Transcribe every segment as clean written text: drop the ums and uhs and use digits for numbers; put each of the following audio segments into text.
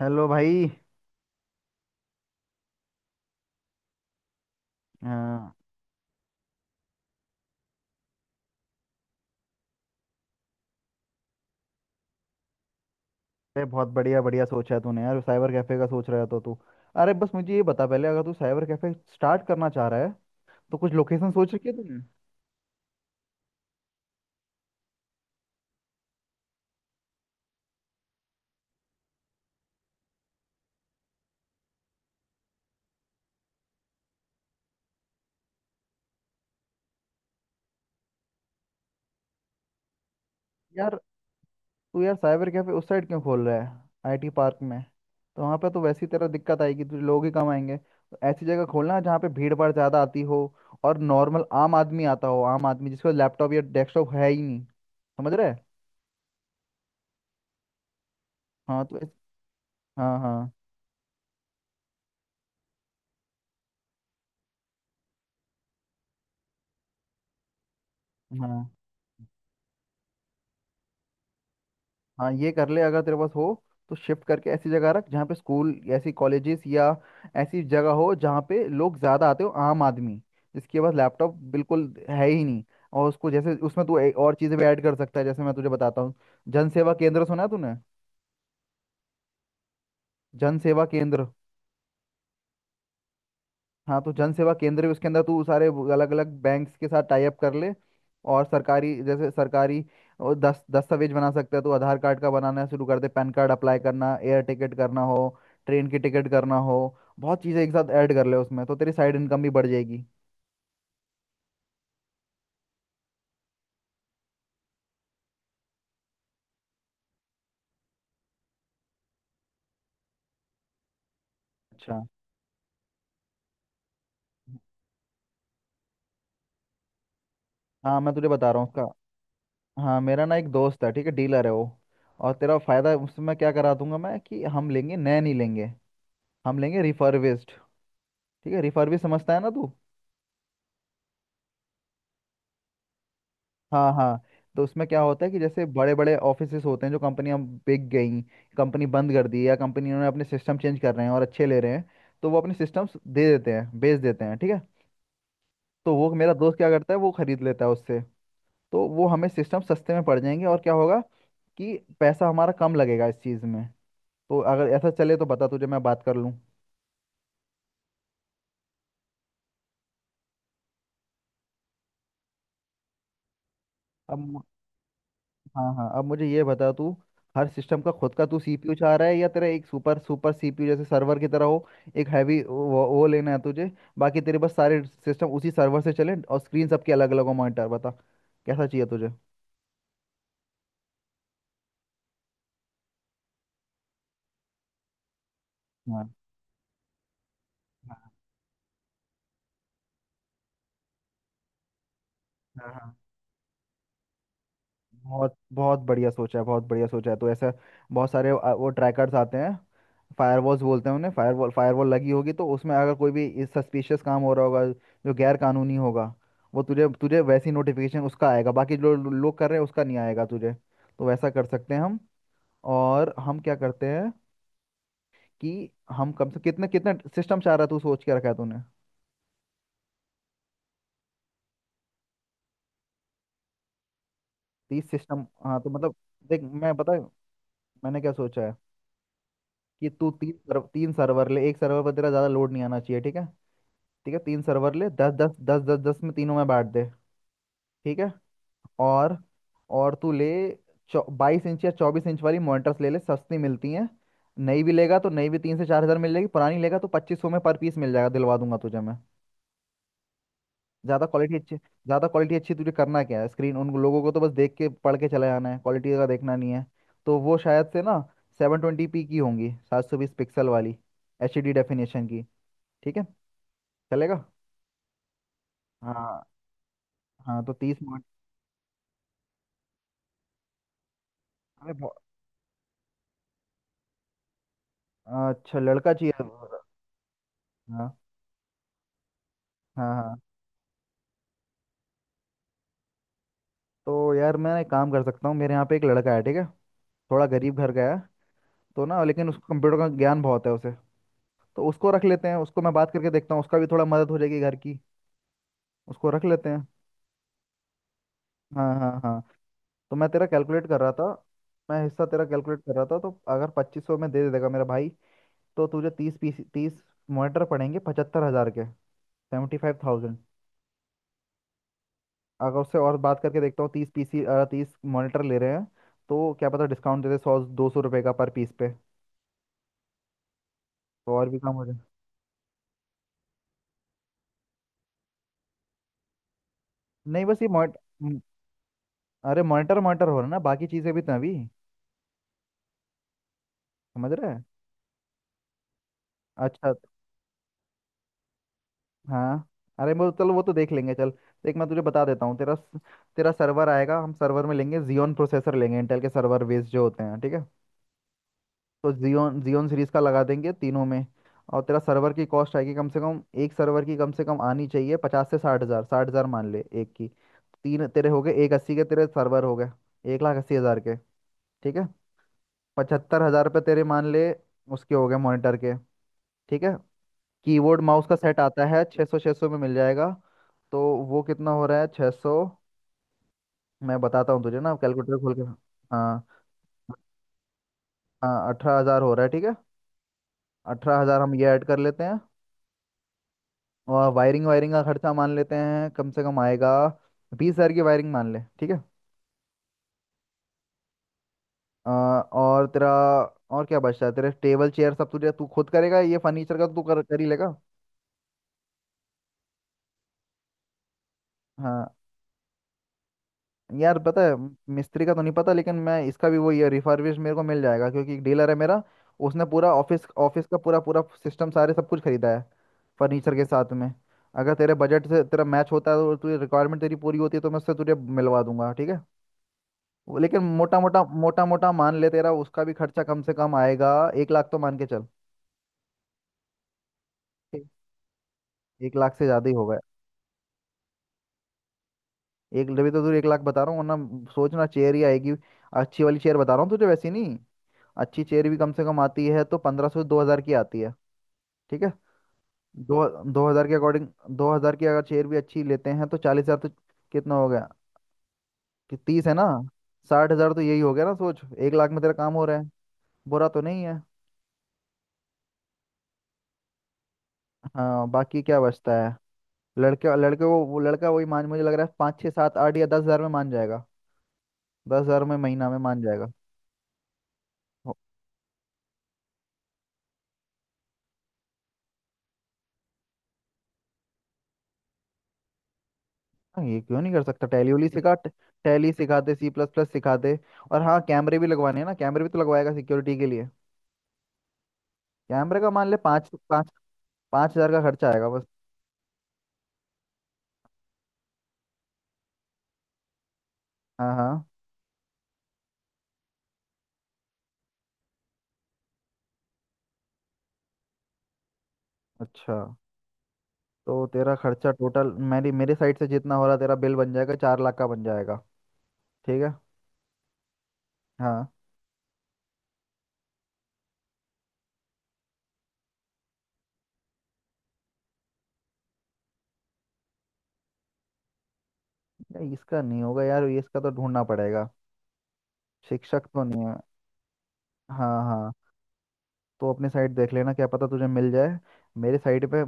Hello भाई। हाँ। अरे बहुत बढ़िया बढ़िया सोचा है तूने यार, साइबर कैफे का सोच रहा था तू? अरे बस मुझे ये बता पहले, अगर तू साइबर कैफे स्टार्ट करना चाह रहा है तो कुछ लोकेशन सोच रखी है तूने? यार तू यार साइबर कैफे उस साइड क्यों खोल रहा है, आईटी पार्क में? तो वहाँ पे तो वैसी तरह दिक्कत आएगी तुझे, लोग ही कम आएंगे। तो ऐसी जगह खोलना जहाँ पे भीड़ भाड़ ज़्यादा आती हो और नॉर्मल आम आदमी आता हो, आम आदमी जिसका लैपटॉप या डेस्कटॉप है ही नहीं। समझ रहे? हाँ तो इस- हाँ हाँ। हाँ हाँ, ये कर ले अगर तेरे पास हो तो शिफ्ट करके ऐसी जगह रख जहाँ पे स्कूल ऐसी कॉलेजेस या ऐसी जगह हो जहाँ पे लोग ज़्यादा आते हो, आम आदमी जिसके पास लैपटॉप बिल्कुल है ही नहीं। और उसको जैसे उसमें तू और चीज़ें भी ऐड कर सकता है, जैसे मैं तुझे बताता हूँ। जन सेवा केंद्र सुना है तूने? जन सेवा केंद्र। हाँ, तो जन सेवा केंद्र भी उसके अंदर तू सारे अलग अलग बैंक्स के साथ टाई अप कर ले, और सरकारी जैसे सरकारी वो दस दस्तावेज बना सकते हैं, तो आधार कार्ड का बनाना शुरू कर दे, पैन कार्ड अप्लाई करना, एयर टिकट करना हो, ट्रेन की टिकट करना हो, बहुत चीज़ें एक साथ ऐड कर ले उसमें तो तेरी साइड इनकम भी बढ़ जाएगी। अच्छा। हाँ, मैं तुझे बता रहा हूँ उसका। हाँ, मेरा ना एक दोस्त है, ठीक है, डीलर है वो। और तेरा फायदा उसमें मैं क्या करा दूंगा मैं, कि हम लेंगे नए नहीं लेंगे, हम लेंगे रिफर्बिश्ड। ठीक है, रिफर्बिश समझता है ना तू? हाँ हाँ। तो उसमें क्या होता है कि जैसे बड़े बड़े ऑफिसेस होते हैं, जो कंपनियां बिक गई, कंपनी बंद कर दी या कंपनी उन्होंने अपने सिस्टम चेंज कर रहे हैं और अच्छे ले रहे हैं, तो वो अपने सिस्टम्स दे देते हैं, बेच देते हैं, ठीक है। तो वो मेरा दोस्त क्या करता है, वो खरीद लेता है उससे। तो वो हमें सिस्टम सस्ते में पड़ जाएंगे, और क्या होगा कि पैसा हमारा कम लगेगा इस चीज़ में। तो अगर ऐसा चले तो बता, तुझे मैं बात कर लूँ। अब हाँ हाँ, अब मुझे ये बता तू, हर सिस्टम का खुद का तू सीपीयू चाह रहा है या तेरा एक सुपर सुपर सीपीयू जैसे सर्वर की तरह हो, एक हैवी वो लेना है तुझे? बाकी तेरे पास सारे सिस्टम उसी सर्वर से चले और स्क्रीन सबके अलग अलग हो, मॉनिटर बता कैसा चाहिए तुझे? हाँ हाँ हाँ, हाँ। बहुत बहुत बढ़िया सोचा है, बहुत बढ़िया सोचा है। तो ऐसा बहुत सारे वो ट्रैकर्स आते हैं, फायरवॉल्स बोलते हैं उन्हें, फायरवॉल फायरवॉल लगी होगी तो उसमें अगर कोई भी इस सस्पिशियस काम हो रहा होगा जो गैर कानूनी होगा, वो तुझे तुझे वैसी नोटिफिकेशन उसका आएगा, बाकी जो लोग कर रहे हैं उसका नहीं आएगा तुझे। तो वैसा कर सकते हैं हम। और हम क्या करते हैं कि हम कम से कितने कितने सिस्टम चाह रहा, तू सोच के रखा है तूने? 30 सिस्टम, हाँ, तो मतलब देख मैं बता, मैंने क्या सोचा है कि तू तीन सर्वर ले, एक सर्वर पर तेरा ज़्यादा लोड नहीं आना चाहिए, ठीक है? ठीक है, 3 सर्वर ले, दस दस दस दस दस में, तीनों में बांट दे, ठीक है। और और तू ले 22 इंच या 24 इंच वाली मॉनिटर्स ले ले, सस्ती मिलती हैं। नई भी लेगा तो नई भी 3 से 4 हज़ार मिल जाएगी, पुरानी लेगा तो 2,500 में पर पीस मिल जाएगा, दिलवा दूंगा तुझे मैं। ज़्यादा क्वालिटी अच्छी, ज़्यादा क्वालिटी अच्छी तुझे करना क्या है, स्क्रीन उन लोगों को तो बस देख के पढ़ के चले जाना है, क्वालिटी का देखना नहीं है। तो वो शायद से ना 720p की होंगी, 720 पिक्सल वाली, एच डी डेफिनेशन की, ठीक है, चलेगा। हाँ हाँ, तो 30 मिनट। अरे बहु- अच्छा लड़का चाहिए हाँ। हाँ हाँ। तो यार मैं एक काम कर सकता हूँ, मेरे यहाँ पे एक लड़का है, ठीक है, थोड़ा गरीब घर का है, तो ना लेकिन उसको कंप्यूटर का ज्ञान बहुत है उसे, तो उसको रख लेते हैं, उसको मैं बात करके देखता हूँ, उसका भी थोड़ा मदद हो जाएगी घर की। उसको रख लेते हैं। हाँ हाँ हाँ। तो मैं तेरा कैलकुलेट कर रहा था, मैं हिस्सा तेरा कैलकुलेट कर रहा था, तो अगर 2,500 में दे देगा मेरा भाई, तो तुझे 30 पीस, 30 मॉनिटर पड़ेंगे 75,000 के, 75,000। अगर उससे और बात करके देखता हूँ, 30 पीसी, 30 मॉनिटर ले रहे हैं, तो क्या पता डिस्काउंट दे दे, 100-200 रुपये का पर पीस पे तो और भी काम हो जाए। नहीं बस ये म- अरे मॉनिटर मॉनिटर हो रहा है ना, बाकी चीज़ें भी तो हैं अभी, समझ रहा है? अच्छा। हाँ, अरे वो चल वो तो देख लेंगे, चल देख मैं तुझे बता देता हूँ। तेरा तेरा सर्वर आएगा, हम सर्वर में लेंगे जियोन प्रोसेसर, लेंगे इंटेल के सर्वर बेस्ड जो होते हैं, ठीक है। तो जियोन जियोन सीरीज का लगा देंगे तीनों में। और तेरा सर्वर की कॉस्ट आएगी, कम से कम एक सर्वर की कम से कम आनी चाहिए 50 से 60 हज़ार, 60 हज़ार मान ले एक की। तीन तेरे हो गए, एक 80 के तेरे सर्वर हो गए, 1,80,000 के, ठीक है। 75,000 रुपये तेरे मान ले, उसके हो गए मॉनिटर के, ठीक है। कीबोर्ड माउस का सेट आता है, 600-600 में मिल जाएगा। तो वो कितना हो रहा है, 600, मैं बताता हूँ तुझे ना कैलकुलेटर खोल के। हाँ हाँ, 18,000 हो रहा है, ठीक है, 18,000 हम ये ऐड कर लेते हैं। और वायरिंग, वायरिंग का खर्चा मान लेते हैं कम से कम आएगा, 20,000 की वायरिंग मान ले, ठीक है। और तेरा और क्या बचता है, तेरे टेबल चेयर सब तुझे, तू खुद करेगा ये फर्नीचर का तो, तू कर कर ही लेगा। हाँ। यार पता है मिस्त्री का तो नहीं पता, लेकिन मैं इसका भी वही है रिफर्बिश मेरे को मिल जाएगा, क्योंकि एक डीलर है मेरा, उसने पूरा ऑफिस, ऑफिस का पूरा पूरा सिस्टम सारे सब कुछ खरीदा है, फर्नीचर के साथ में। अगर तेरे बजट से तेरा मैच होता है तो, तुझे रिक्वायरमेंट तेरी पूरी होती है तो मैं उससे तुझे मिलवा दूंगा, ठीक है। लेकिन मोटा मोटा मोटा मोटा मान ले, तेरा उसका भी खर्चा कम से कम आएगा, 1 लाख तो मान के चल। ठीक। 1 लाख से ज़्यादा ही होगा। एक तभी तो तुझे 1 लाख बता रहा हूँ, वरना सोचना चेयर ही आएगी, अच्छी वाली चेयर बता रहा हूँ तुझे, वैसी नहीं, अच्छी चेयर भी कम से कम आती है तो 1,500 2,000 की आती है, ठीक है। दो, 2,000 के अकॉर्डिंग, 2,000 की अगर चेयर भी अच्छी लेते हैं तो 40,000 तो, कितना हो गया कि 30 है ना, 60,000 तो यही हो गया ना, सोच 1 लाख में तेरा काम हो रहा है, बुरा तो नहीं है। हाँ, बाकी क्या बचता है, लड़के लड़के वो लड़का वही मान, मुझे लग रहा है पाँच छः सात आठ या 10,000 में मान जाएगा, 10,000 में, महीना में मान जाएगा। हो- हाँ, ये क्यों नहीं कर सकता, टैली उली सिखा, टैली सिखा दे, सी प्लस प्लस सिखा दे। और हाँ कैमरे भी लगवाने हैं ना, कैमरे भी तो लगवाएगा सिक्योरिटी के लिए, कैमरे का मान ले पाँच पाँच, 5,000 का खर्चा आएगा बस। हाँ हाँ। अच्छा, तो तेरा खर्चा टोटल, मेरी मेरे साइड से जितना हो रहा तेरा बिल बन जाएगा, 4 लाख का बन जाएगा, ठीक है। हाँ। नहीं, इसका नहीं होगा यार, ये इसका तो ढूंढना पड़ेगा, शिक्षक तो नहीं है। हाँ हाँ, तो अपने साइड देख लेना क्या पता तुझे मिल जाए, मेरे साइड पे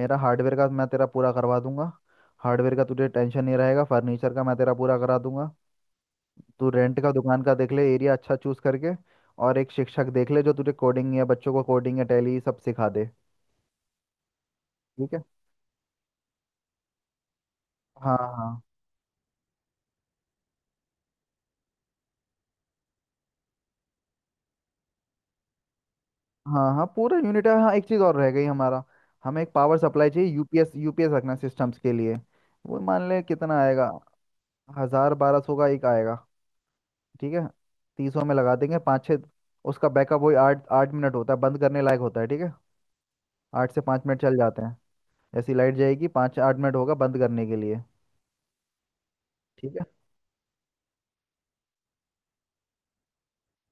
मेरा हार्डवेयर का मैं तेरा पूरा करवा दूंगा, हार्डवेयर का तुझे टेंशन नहीं रहेगा, फर्नीचर का मैं तेरा पूरा करा दूंगा, तू रेंट का दुकान का देख ले, एरिया अच्छा चूज करके, और एक शिक्षक देख ले जो तुझे कोडिंग या बच्चों को कोडिंग या टैली सब सिखा दे, ठीक है। हाँ हाँ हाँ हाँ, पूरा यूनिट है। हाँ, एक चीज़ और रह गई हमारा, हमें एक पावर सप्लाई चाहिए, यूपीएस, यूपीएस रखना सिस्टम्स के लिए। वो मान ले कितना आएगा, हजार 1,200 का एक आएगा, ठीक है, तीसों में लगा देंगे पाँच छः। उसका बैकअप वही 8-8 मिनट होता है, बंद करने लायक होता है, ठीक है, 8 से 5 मिनट चल जाते हैं, ऐसी लाइट जाएगी 5-8 मिनट होगा बंद करने के लिए, ठीक है।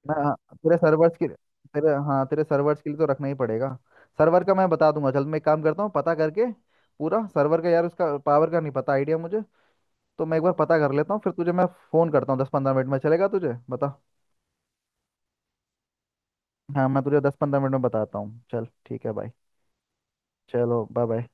हाँ, तेरे सर्वर्स के, तेरे, हाँ, तेरे सर्वर्स के लिए तो रखना ही पड़ेगा। सर्वर का मैं बता दूंगा, चल मैं एक काम करता हूँ पता करके, पूरा सर्वर का यार उसका पावर का नहीं पता आइडिया मुझे, तो मैं एक बार पता कर लेता हूँ, फिर तुझे मैं फ़ोन करता हूँ 10-15 मिनट में, चलेगा तुझे, बता। हाँ, मैं तुझे 10-15 मिनट में बताता हूँ, चल ठीक है भाई। चलो, बाय बाय।